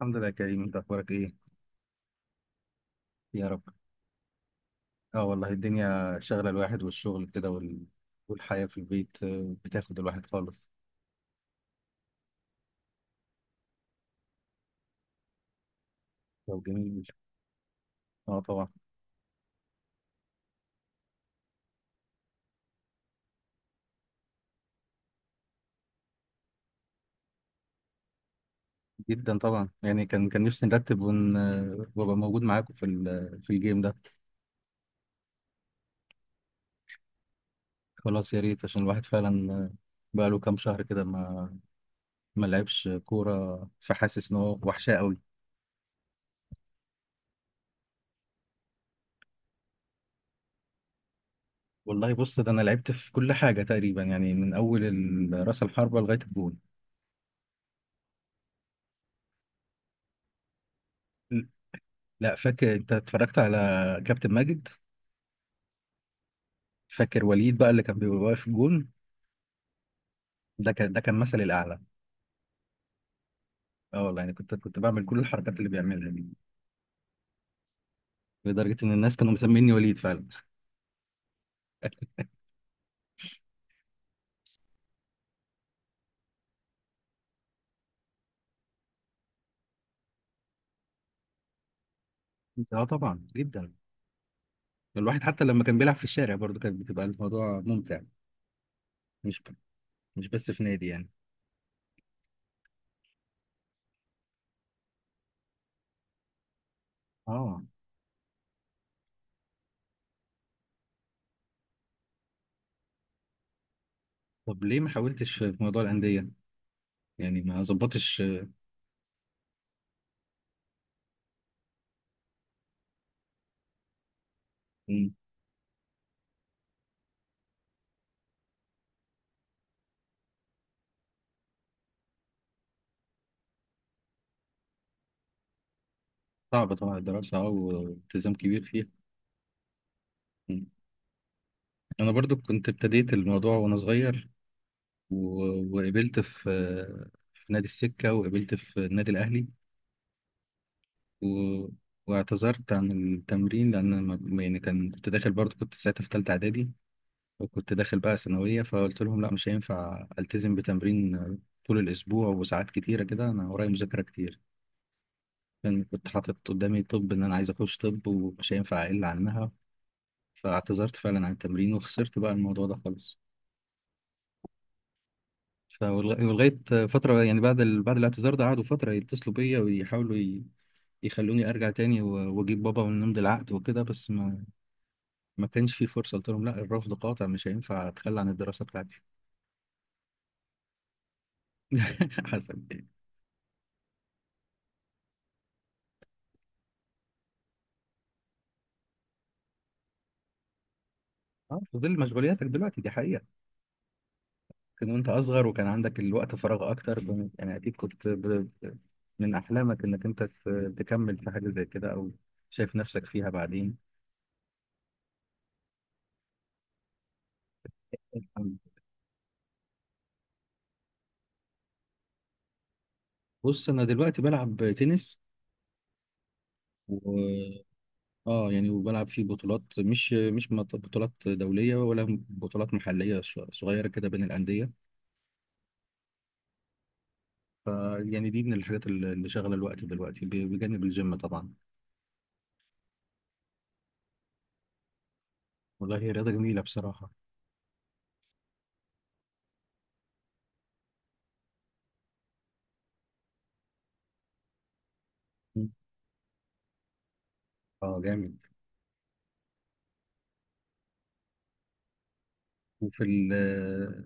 الحمد لله يا كريم، انت اخبارك ايه؟ يا رب. اه والله الدنيا شغله الواحد والشغل كده والحياه في البيت بتاخد الواحد خالص. طب جميل. اه طبعا. جدا طبعا، يعني كان نفسي نرتب ون... آه، وابقى موجود معاكم في الجيم ده. خلاص، يا ريت، عشان الواحد فعلا بقاله كام شهر كده ما لعبش كوره، فحاسس ان هو وحشاه قوي. والله بص، ده انا لعبت في كل حاجه تقريبا، يعني من اول راس الحربه لغايه الجول. لا، فاكر انت اتفرجت على كابتن ماجد؟ فاكر وليد بقى اللي كان بيبقى واقف في الجون؟ ده كان مثلي الاعلى. اه والله، يعني كنت بعمل كل الحركات اللي بيعملها دي، لدرجه ان الناس كانوا مسميني وليد فعلا. اه طبعا، جدا. الواحد حتى لما كان بيلعب في الشارع برضه كانت بتبقى الموضوع ممتع. مش ب... مش بس في نادي يعني. اه. طب ليه ما حاولتش في موضوع الانديه؟ يعني ما ظبطتش. مم. صعبة طبعا الدراسه، والتزام كبير فيها. مم. انا برضو كنت ابتديت الموضوع وانا صغير و... وقبلت في نادي السكه، وقبلت في النادي الاهلي و... واعتذرت عن التمرين، لأن أنا يعني كنت داخل، برضه كنت ساعتها في تالتة إعدادي، وكنت داخل بقى ثانوية، فقلت لهم لا، مش هينفع ألتزم بتمرين طول الأسبوع وساعات كتيرة كده، أنا ورايا مذاكرة كتير، لأن كنت حاطط قدامي طب، إن أنا عايز أخش طب ومش هينفع أقل عنها. فاعتذرت فعلا عن التمرين وخسرت بقى الموضوع ده خالص. ولغاية فترة، يعني بعد الاعتذار ده قعدوا فترة يتصلوا بيا ويحاولوا يخلوني ارجع تاني واجيب بابا ونمضي العقد وكده، بس ما كانش في فرصه، قلت لهم لا، الرفض قاطع، مش هينفع اتخلى عن الدراسه بتاعتي. حسن ايه. اه، في ظل مشغولياتك دلوقتي دي حقيقه. كان وانت اصغر وكان عندك الوقت فراغ اكتر، يعني اكيد من احلامك انك انت تكمل في حاجه زي كده، او شايف نفسك فيها بعدين. بص انا دلوقتي بلعب تنس و اه يعني وبلعب في بطولات مش مش مط- بطولات دوليه ولا بطولات محليه، صغيره كده بين الانديه ف يعني دي من الحاجات اللي شغله الوقت دلوقتي، بجانب الجيم طبعا. والله هي رياضة جميلة بصراحة. مم. اه جامد. وفي ال-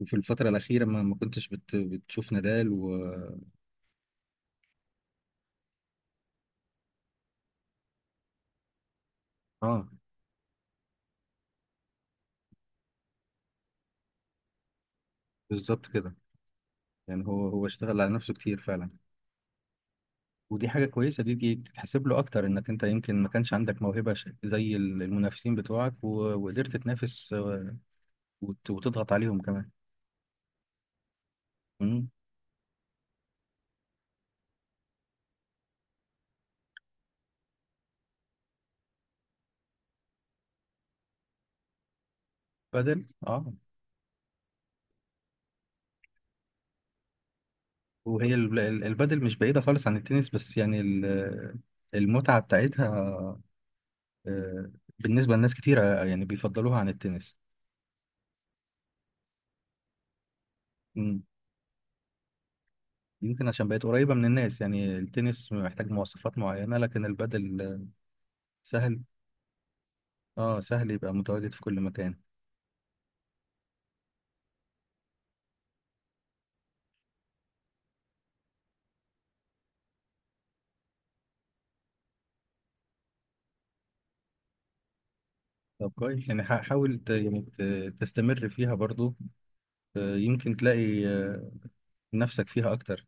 وفي الفترة الأخيرة ما كنتش بتشوف نادال و. اه بالظبط كده. يعني هو اشتغل على نفسه كتير فعلا. ودي حاجة كويسة، دي تتحسب له أكتر، إنك أنت يمكن ما كانش عندك موهبة زي المنافسين بتوعك، وقدرت تنافس وتضغط عليهم كمان. امم. فده. اه. وهي البادل مش بعيدة خالص عن التنس، بس يعني المتعة بتاعتها آه، بالنسبة لناس كتيرة يعني بيفضلوها عن التنس. مم. يمكن عشان بقت قريبة من الناس، يعني التنس محتاج مواصفات معينة لكن البادل سهل. اه سهل، يبقى متواجد في كل مكان. طب كويس، يعني حاول يعني تستمر فيها برضو يمكن تلاقي نفسك فيها أكتر.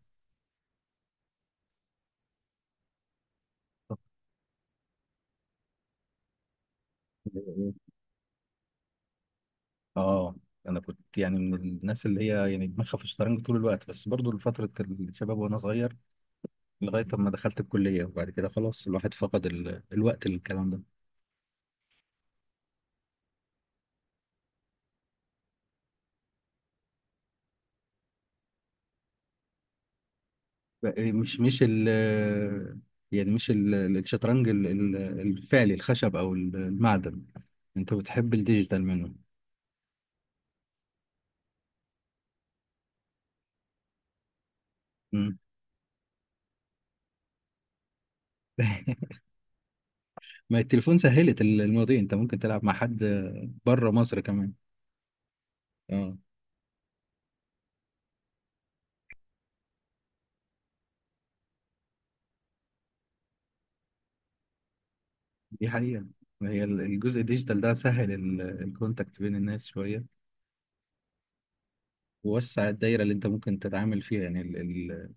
اه انا كنت يعني من الناس اللي هي يعني دماغها في الشطرنج طول الوقت، بس برضو لفتره الشباب وانا صغير، لغايه ما دخلت الكليه، وبعد كده خلاص الواحد فقد الوقت للكلام ده. بقى- مش مش ال يعني مش ال... الشطرنج الفعلي، الخشب او المعدن، انت بتحب الديجيتال منه؟ مم. ما التليفون سهلت المواضيع، انت ممكن تلعب مع حد بره مصر كمان. اه دي حقيقة. هي الجزء الديجيتال ده سهل الكونتاكت بين الناس شوية، ووسع الدايره اللي انت ممكن تتعامل فيها، يعني ال ال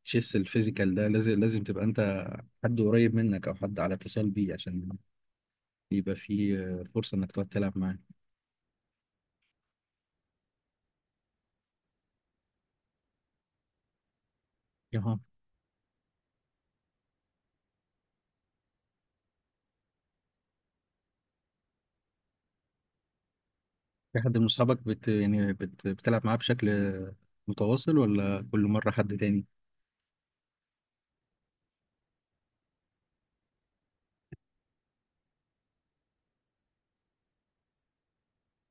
التشيس الفيزيكال ده، لازم تبقى انت حد قريب منك او حد على اتصال بيه، عشان يبقى في فرصه انك تقعد تلعب معاه. اها. في حد من اصحابك يعني بتلعب معاه بشكل متواصل، ولا كل مره حد تاني؟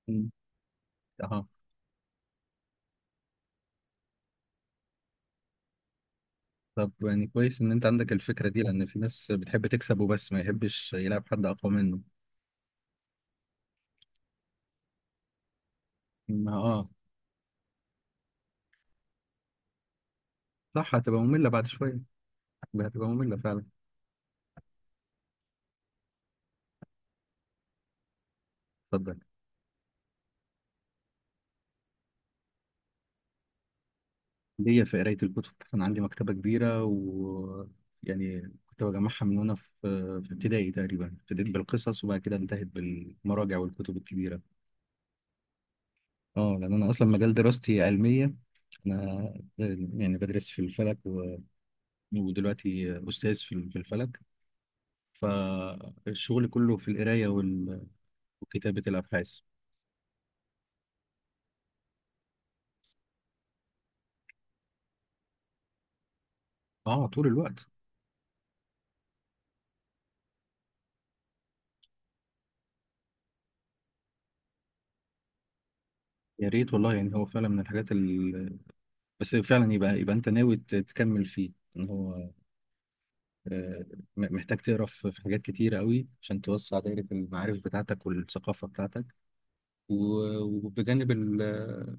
مم. اها. طب يعني كويس ان انت عندك الفكره دي، لان في ناس بتحب تكسب وبس، ما يحبش يلعب حد اقوى منه. ما اه. صح، هتبقى ممله بعد شويه. هتبقى ممله فعلا. اتفضل. ليا في قراية الكتب. أنا عندي مكتبة كبيرة، ويعني كنت بجمعها من وأنا في ابتدائي تقريبا، ابتديت بالقصص وبعد كده انتهت بالمراجع والكتب الكبيرة. اه لأن أنا أصلا مجال دراستي علمية. أنا يعني بدرس في الفلك ودلوقتي أستاذ في الفلك، فالشغل كله في القراية وكتابة الأبحاث. اه طول الوقت. يا ريت والله، يعني هو فعلا من الحاجات بس فعلا يبقى أنت ناوي تكمل فيه، إن هو آه، محتاج تقرا في حاجات كتيرة قوي عشان توسع دايرة المعارف بتاعتك والثقافة بتاعتك، و- وبجانب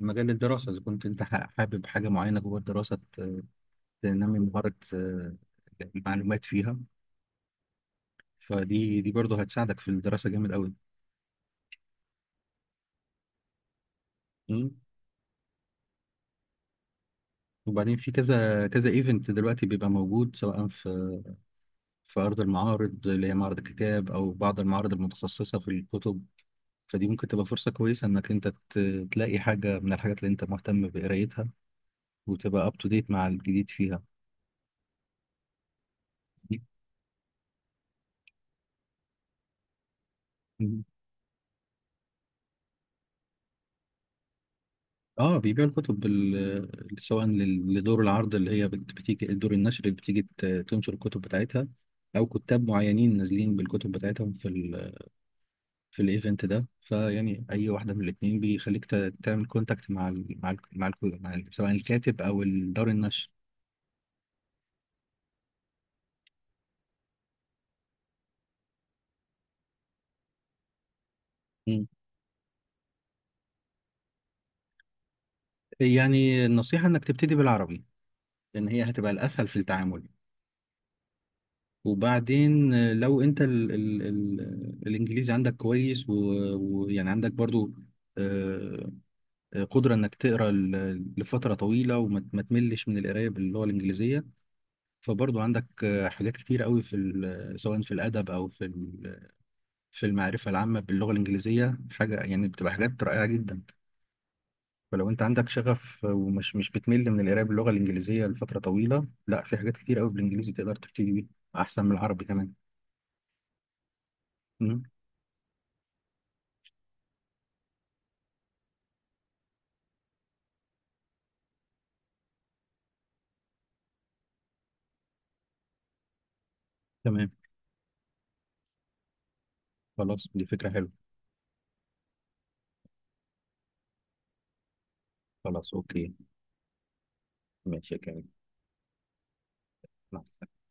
مجال الدراسة، إذا كنت أنت حابب حاجة معينة جوه الدراسة تنمي مهارة المعلومات فيها، فدي برضه هتساعدك في الدراسة جامد قوي. مم. وبعدين في كذا كذا ايفنت دلوقتي بيبقى موجود، سواء في أرض المعارض اللي هي معرض الكتاب، أو بعض المعارض المتخصصة في الكتب. فدي ممكن تبقى فرصة كويسة إنك أنت تلاقي حاجة من الحاجات اللي أنت مهتم بقرايتها، وتبقى أب تو ديت مع الجديد فيها. مم. آه، بيبيعوا الكتب سواء لدور العرض، اللي هي بتيجي دور النشر اللي بتيجي تنشر الكتب بتاعتها، أو كتاب معينين نازلين بالكتب بتاعتهم في الإيفنت ده، فيعني أي واحدة من الاتنين بيخليك تعمل كونتاكت سواء الكاتب أو دار النشر. مم. يعني النصيحة إنك تبتدي بالعربي، لأن هي هتبقى الأسهل في التعامل. وبعدين لو انت ال ال ال الانجليزي عندك كويس، ويعني عندك برضو آه، قدرة انك تقرا لفترة طويلة، وما ما تملش من القراية باللغة الانجليزية، فبرضو عندك حاجات كتير قوي في ال- آه، سواء في الادب او في ال- آه، في المعرفة العامة باللغة الانجليزية، حاجة يعني بتبقى حاجات رائعة جدا. فلو انت عندك شغف، ومش مش بتمل من القراية باللغة الانجليزية لفترة طويلة، لا في حاجات كتير قوي بالانجليزي تقدر تبتدي بيها احسن من العربي كمان. مم. تمام. خلاص دي فكرة حلوة. خلاص أوكي. ماشي يا كريم. مع